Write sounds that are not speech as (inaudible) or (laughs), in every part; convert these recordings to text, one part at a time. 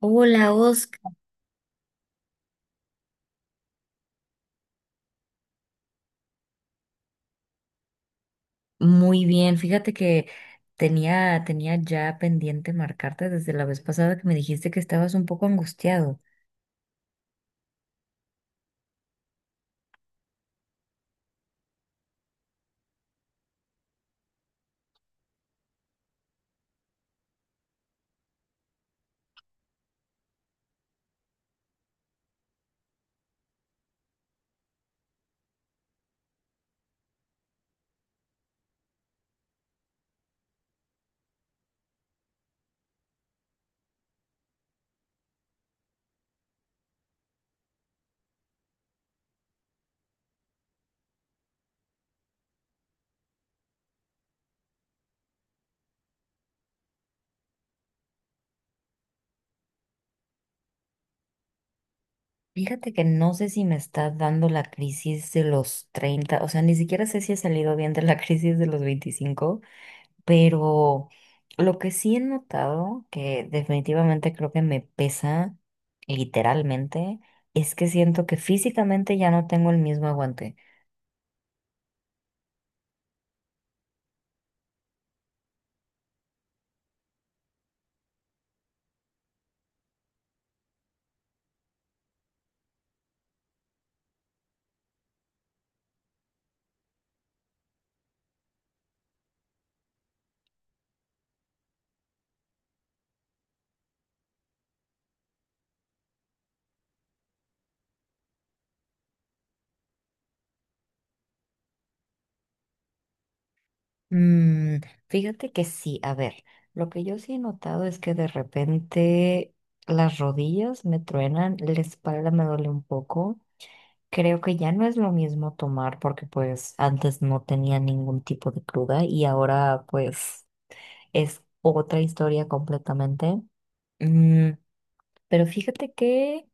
Hola, Oscar. Muy bien, fíjate que tenía ya pendiente marcarte desde la vez pasada que me dijiste que estabas un poco angustiado. Fíjate que no sé si me está dando la crisis de los 30, o sea, ni siquiera sé si he salido bien de la (laughs) crisis de los 25, pero lo que sí he notado, que definitivamente creo que me pesa literalmente, es que siento que físicamente ya no tengo el mismo aguante. Mm, Fíjate que sí, a ver, lo que yo sí he notado es que de repente las rodillas me truenan, la espalda me duele un poco. Creo que ya no es lo mismo tomar porque pues antes no tenía ningún tipo de cruda y ahora pues es otra historia completamente. Mm, pero fíjate que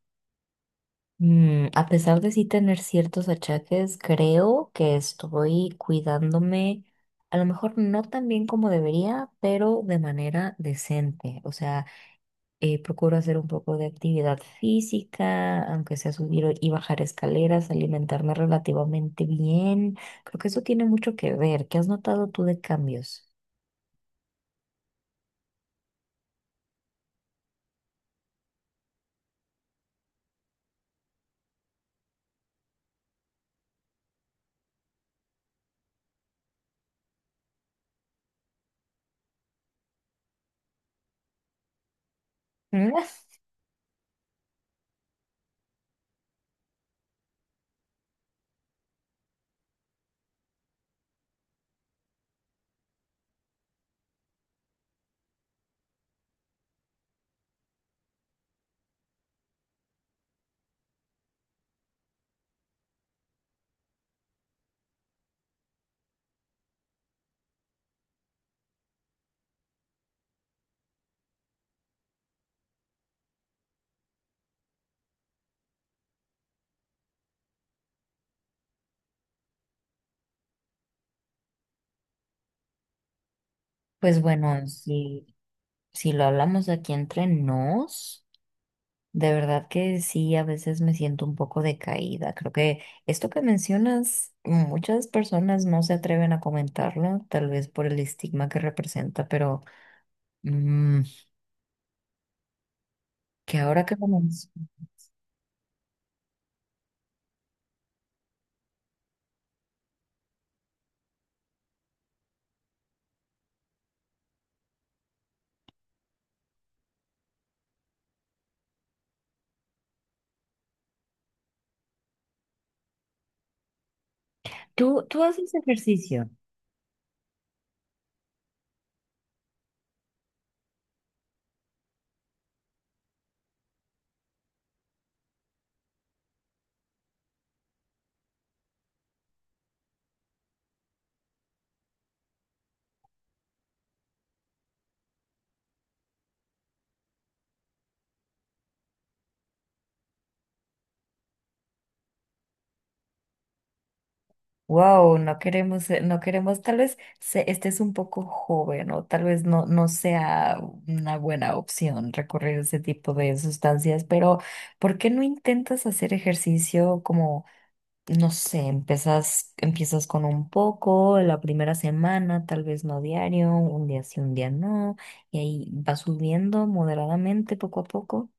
Mm, a pesar de sí tener ciertos achaques, creo que estoy cuidándome, a lo mejor no tan bien como debería, pero de manera decente. O sea, procuro hacer un poco de actividad física, aunque sea subir y bajar escaleras, alimentarme relativamente bien. Creo que eso tiene mucho que ver. ¿Qué has notado tú de cambios? Mm. (laughs) Pues bueno, si lo hablamos aquí entre nos. De verdad que sí, a veces me siento un poco decaída. Creo que esto que mencionas, muchas personas no se atreven a comentarlo, tal vez por el estigma que representa, pero mm, que ahora que lo menc- ¿Tú haces ejercicio? Wow, no queremos, no queremos, tal vez estés un poco joven o tal vez no, no sea una buena opción recorrer ese tipo de sustancias, pero ¿por qué no intentas hacer ejercicio como? No sé, empiezas con un poco, la primera semana, tal vez no diario, un día sí, un día no, y ahí va subiendo moderadamente poco a poco.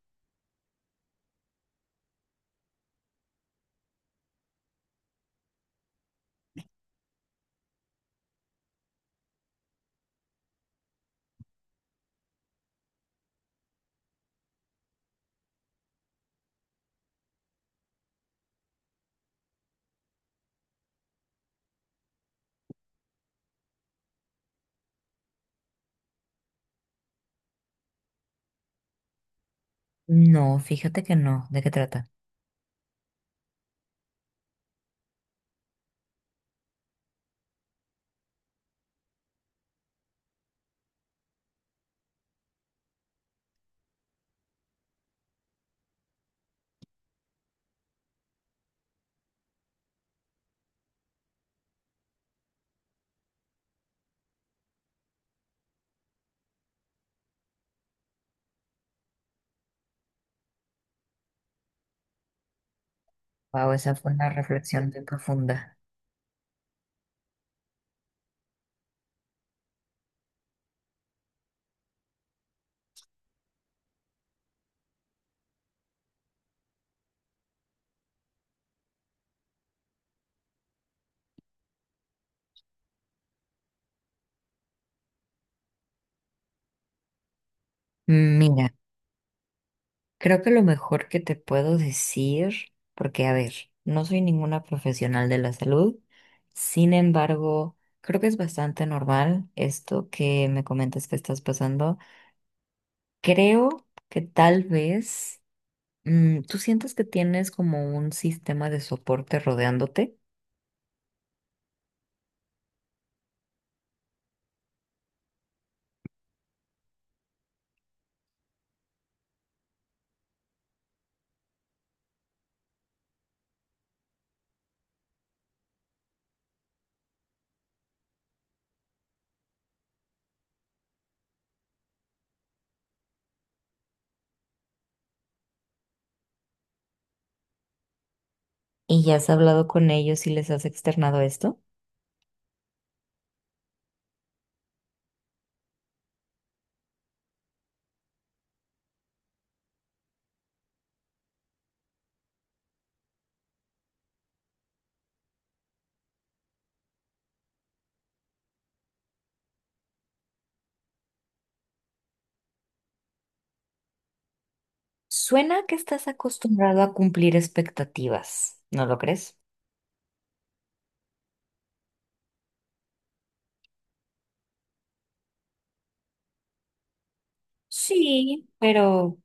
No, fíjate que no. ¿De qué trata? Wow, esa fue una reflexión bien profunda. Mira, creo que lo mejor que te puedo decir, porque a ver, no soy ninguna profesional de la salud, sin embargo, creo que es bastante normal esto que me comentas que estás pasando. Creo que tal vez tú sientes que tienes como un sistema de soporte rodeándote y ya has hablado con ellos y les has externado esto. Suena que estás acostumbrado a cumplir expectativas, ¿no lo crees? Sí, pero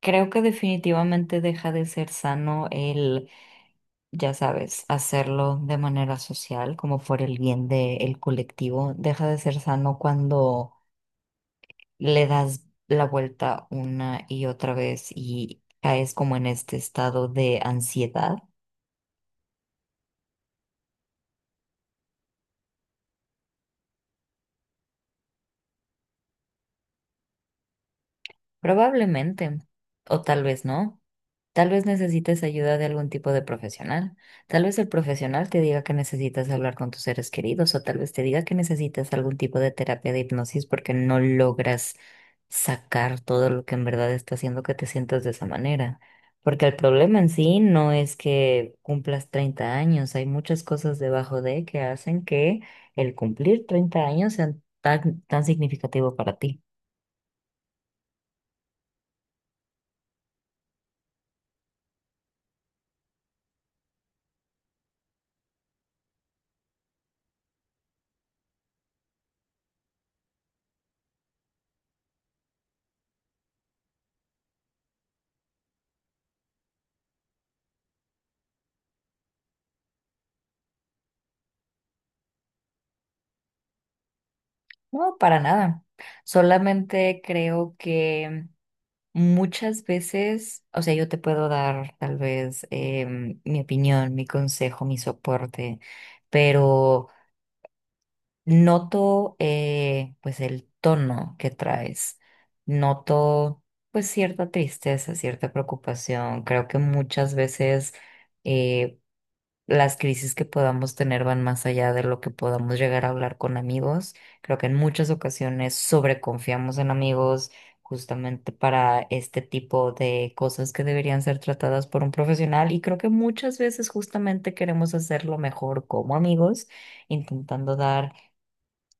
creo que definitivamente deja de ser sano el, ya sabes, hacerlo de manera social, como por el bien del colectivo. Deja de ser sano cuando le das la vuelta una y otra vez y caes como en este estado de ansiedad. Probablemente, o tal vez no. Tal vez necesites ayuda de algún tipo de profesional. Tal vez el profesional te diga que necesitas hablar con tus seres queridos o tal vez te diga que necesitas algún tipo de terapia de hipnosis porque no logras sacar todo lo que en verdad está haciendo que te sientas de esa manera. Porque el problema en sí no es que cumplas 30 años, hay muchas cosas debajo de que hacen que el cumplir 30 años sea tan, tan significativo para ti. No, para nada. Solamente creo que muchas veces, o sea, yo te puedo dar tal vez mi opinión, mi consejo, mi soporte, pero noto pues el tono que traes. Noto pues cierta tristeza, cierta preocupación. Creo que muchas veces eh, las crisis que podamos tener van más allá de lo que podamos llegar a hablar con amigos. Creo que en muchas ocasiones sobreconfiamos en amigos justamente para este tipo de cosas que deberían ser tratadas por un profesional y creo que muchas veces justamente queremos hacerlo mejor como amigos, intentando dar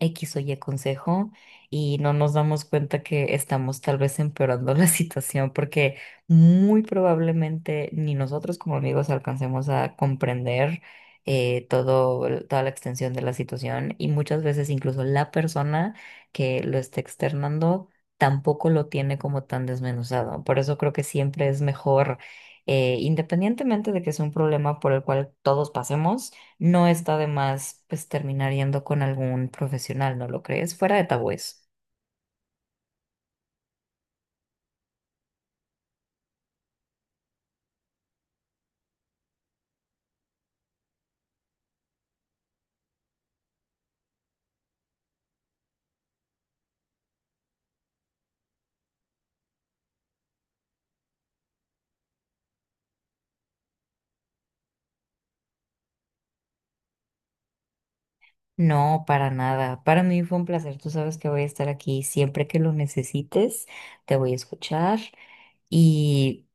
X o Y consejo y no nos damos cuenta que estamos tal vez empeorando (laughs) la situación porque muy probablemente ni nosotros como amigos alcancemos a comprender todo, toda la extensión de la situación y muchas veces incluso la persona que lo está externando tampoco lo tiene como tan desmenuzado. Por eso creo que siempre es mejor, independientemente de que es un problema por el cual todos pasemos, no está de más pues terminar yendo con algún profesional, ¿no lo crees? Fuera de tabúes. No, para nada. Para mí fue un placer. Tú sabes que voy a estar aquí siempre que lo necesites. Te voy a escuchar y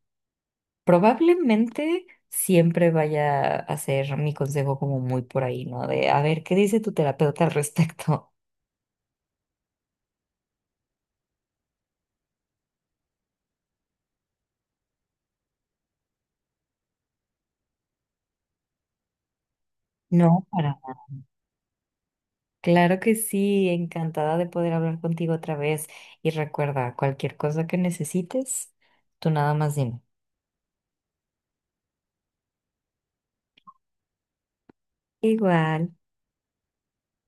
probablemente siempre vaya a ser mi consejo como muy por ahí, ¿no? De a ver, ¿qué dice tu terapeuta al respecto? (laughs) No, para nada. Claro que sí, encantada de poder hablar contigo otra vez. Y recuerda, cualquier cosa que necesites, tú nada más dime. Igual.